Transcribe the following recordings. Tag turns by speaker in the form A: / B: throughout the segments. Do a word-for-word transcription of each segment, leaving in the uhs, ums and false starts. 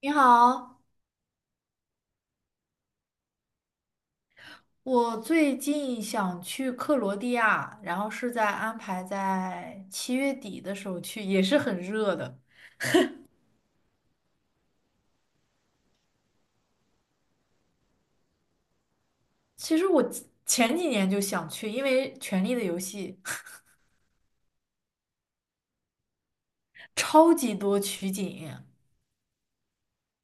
A: 你好，我最近想去克罗地亚，然后是在安排在七月底的时候去，也是很热的。其实我前前几年就想去，因为《权力的游戏》超级多取景，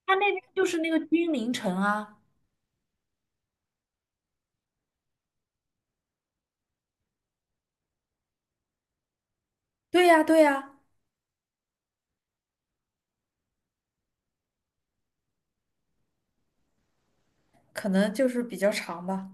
A: 它那边就是那个君临城啊。对呀，对呀，可能就是比较长吧。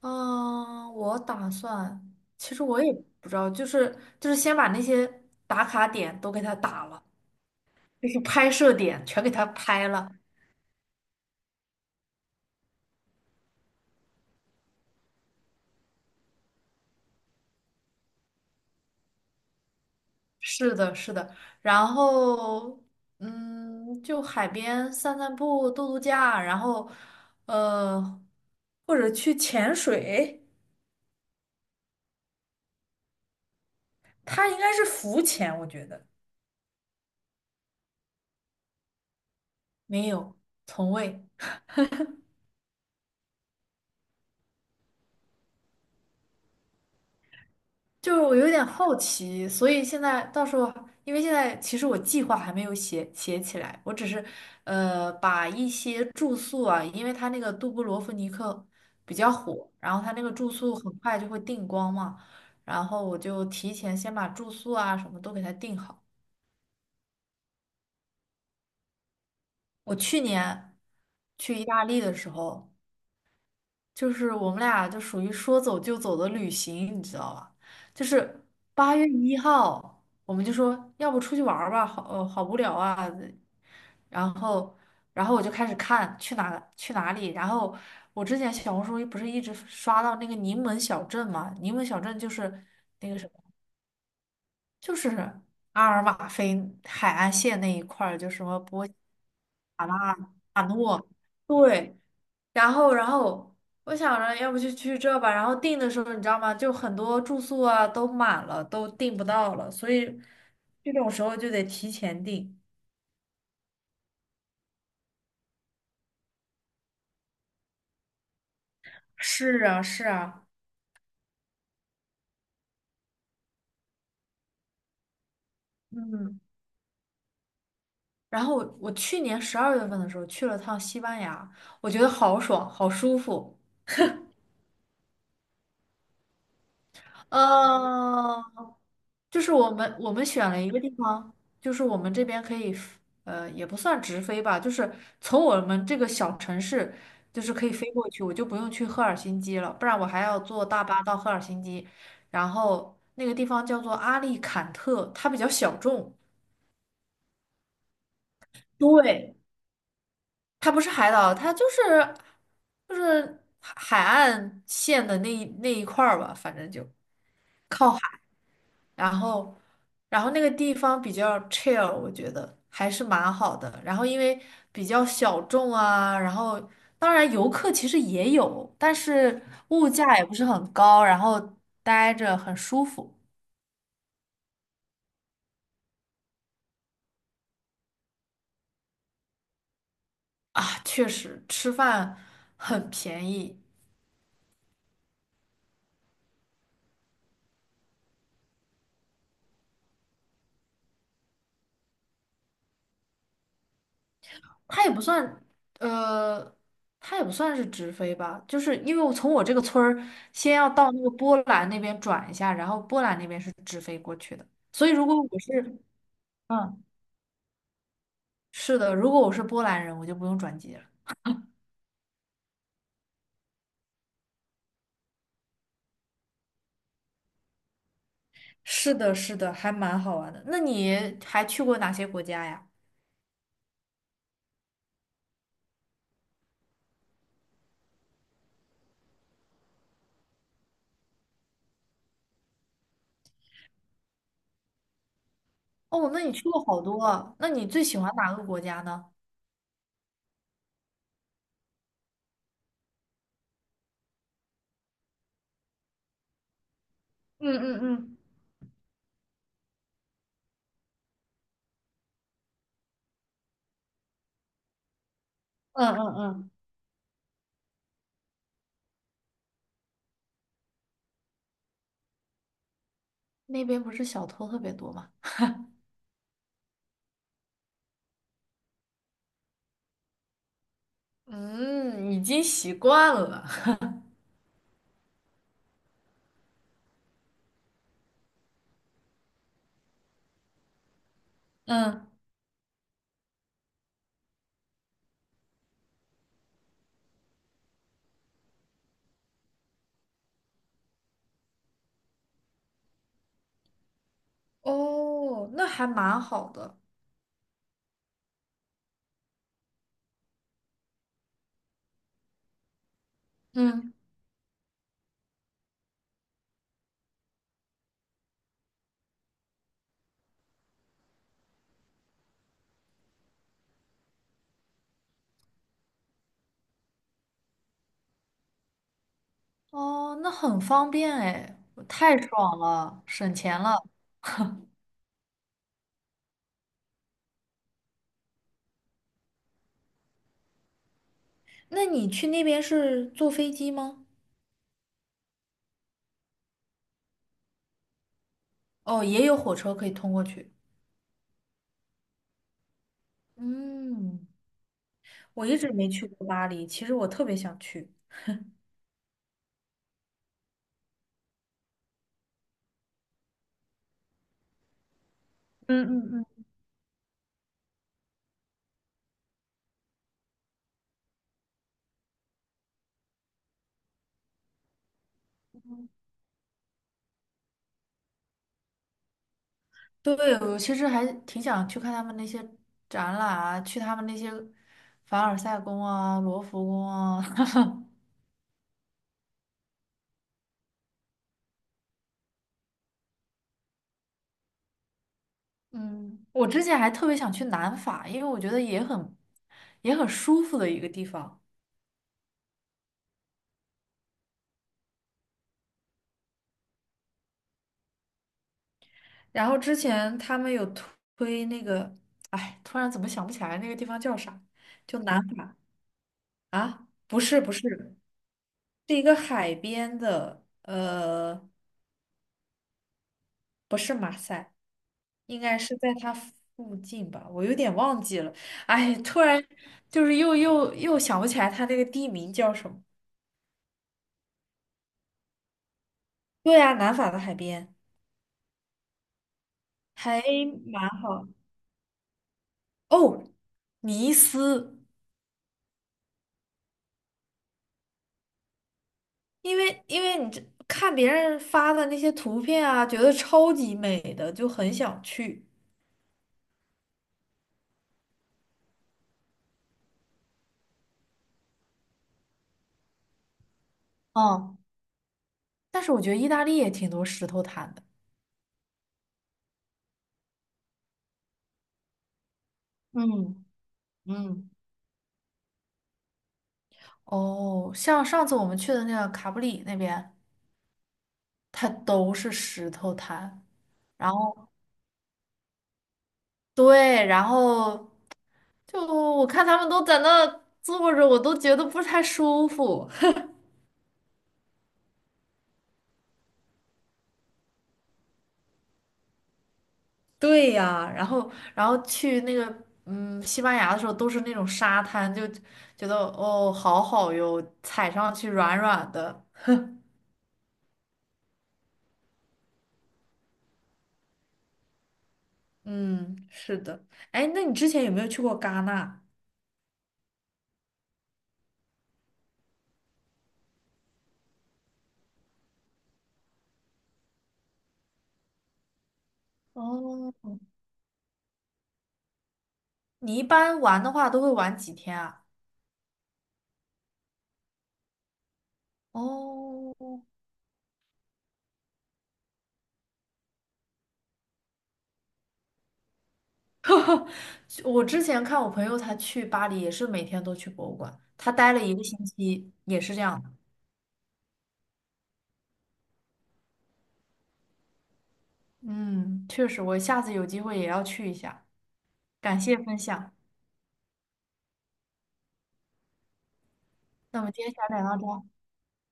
A: 嗯，我打算，其实我也不知道，就是就是先把那些打卡点都给它打了，就是拍摄点全给它拍了，是的，是的，然后嗯，就海边散散步、度度假，然后呃，或者去潜水，它应该是浮潜，我觉得没有，从未。就是我有点好奇，所以现在到时候，因为现在其实我计划还没有写写起来，我只是呃把一些住宿啊，因为它那个杜布罗夫尼克比较火，然后它那个住宿很快就会订光嘛，然后我就提前先把住宿啊什么都给它订好。我去年去意大利的时候，就是我们俩就属于说走就走的旅行，你知道吧？就是八月一号，我们就说要不出去玩儿吧，好，呃，好无聊啊。然后，然后我就开始看去哪去哪里。然后我之前小红书不是一直刷到那个柠檬小镇嘛？柠檬小镇就是那个什么，就是阿尔马菲海岸线那一块儿，就什么波。卡诺，对，然后然后我想着要不就去这吧，然后订的时候你知道吗？就很多住宿啊都满了，都订不到了，所以这种时候就得提前订。是啊，是啊，嗯，然后我我去年十二月份的时候去了趟西班牙，我觉得好爽，好舒服。嗯、就是我们我们选了一个地方，就是我们这边可以呃，也不算直飞吧，就是从我们这个小城市，就是可以飞过去，我就不用去赫尔辛基了，不然我还要坐大巴到赫尔辛基，然后那个地方叫做阿利坎特，它比较小众，对，它不是海岛，它就是就是海海岸线的那一那一块儿吧，反正就。然后，然后那个地方比较 chill，我觉得还是蛮好的。然后因为比较小众啊，然后当然游客其实也有，但是物价也不是很高，然后待着很舒服啊，确实吃饭很便宜，它也不算呃。它也不算是直飞吧，就是因为我从我这个村儿先要到那个波兰那边转一下，然后波兰那边是直飞过去的。所以如果我是，嗯。是的，如果我是波兰人，我就不用转机了。是的，是的，还蛮好玩的。那你还去过哪些国家呀？哦，那你去过好多啊。那你最喜欢哪个国家呢？嗯嗯嗯嗯嗯嗯那边不是小偷特别多吗？嗯，已经习惯了。嗯哦，那还蛮好的。嗯，哦，那很方便哎，太爽了，省钱了。那你去那边是坐飞机吗？哦，也有火车可以通过去。嗯，我一直没去过巴黎，其实我特别想去。嗯嗯嗯，对，我其实还挺想去看他们那些展览啊，去他们那些凡尔赛宫啊、罗浮宫啊。嗯，我之前还特别想去南法，因为我觉得也很也很舒服的一个地方。然后之前他们有推推那个，哎，突然怎么想不起来那个地方叫啥？就南法啊？不是不是，是一个海边的，呃。不是马赛，应该是在它附近吧，我有点忘记了。哎，突然就是又又又想不起来它那个地名叫什么。对啊，南法的海边还蛮好。哦，尼斯，因为因为你这看别人发的那些图片啊，觉得超级美的，就很想去。哦，但是我觉得意大利也挺多石头滩的。嗯嗯哦，像上次我们去的那个卡布里那边。它都是石头滩。然后对，然后就我看他们都在那坐着，我都觉得不太舒服。对呀，然后然后去那个嗯西班牙的时候都是那种沙滩，就觉得哦好好哟，踩上去软软的。嗯，是的。哎，那你之前有没有去过戛纳？哦，你一般玩的话都会玩几天啊？哦，我之前看我朋友他去巴黎也是每天都去博物馆，他待了一个星期也是这样的。嗯，确实，我下次有机会也要去一下。感谢分享，那我们今天先聊到这儿。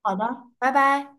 A: 好的，拜拜。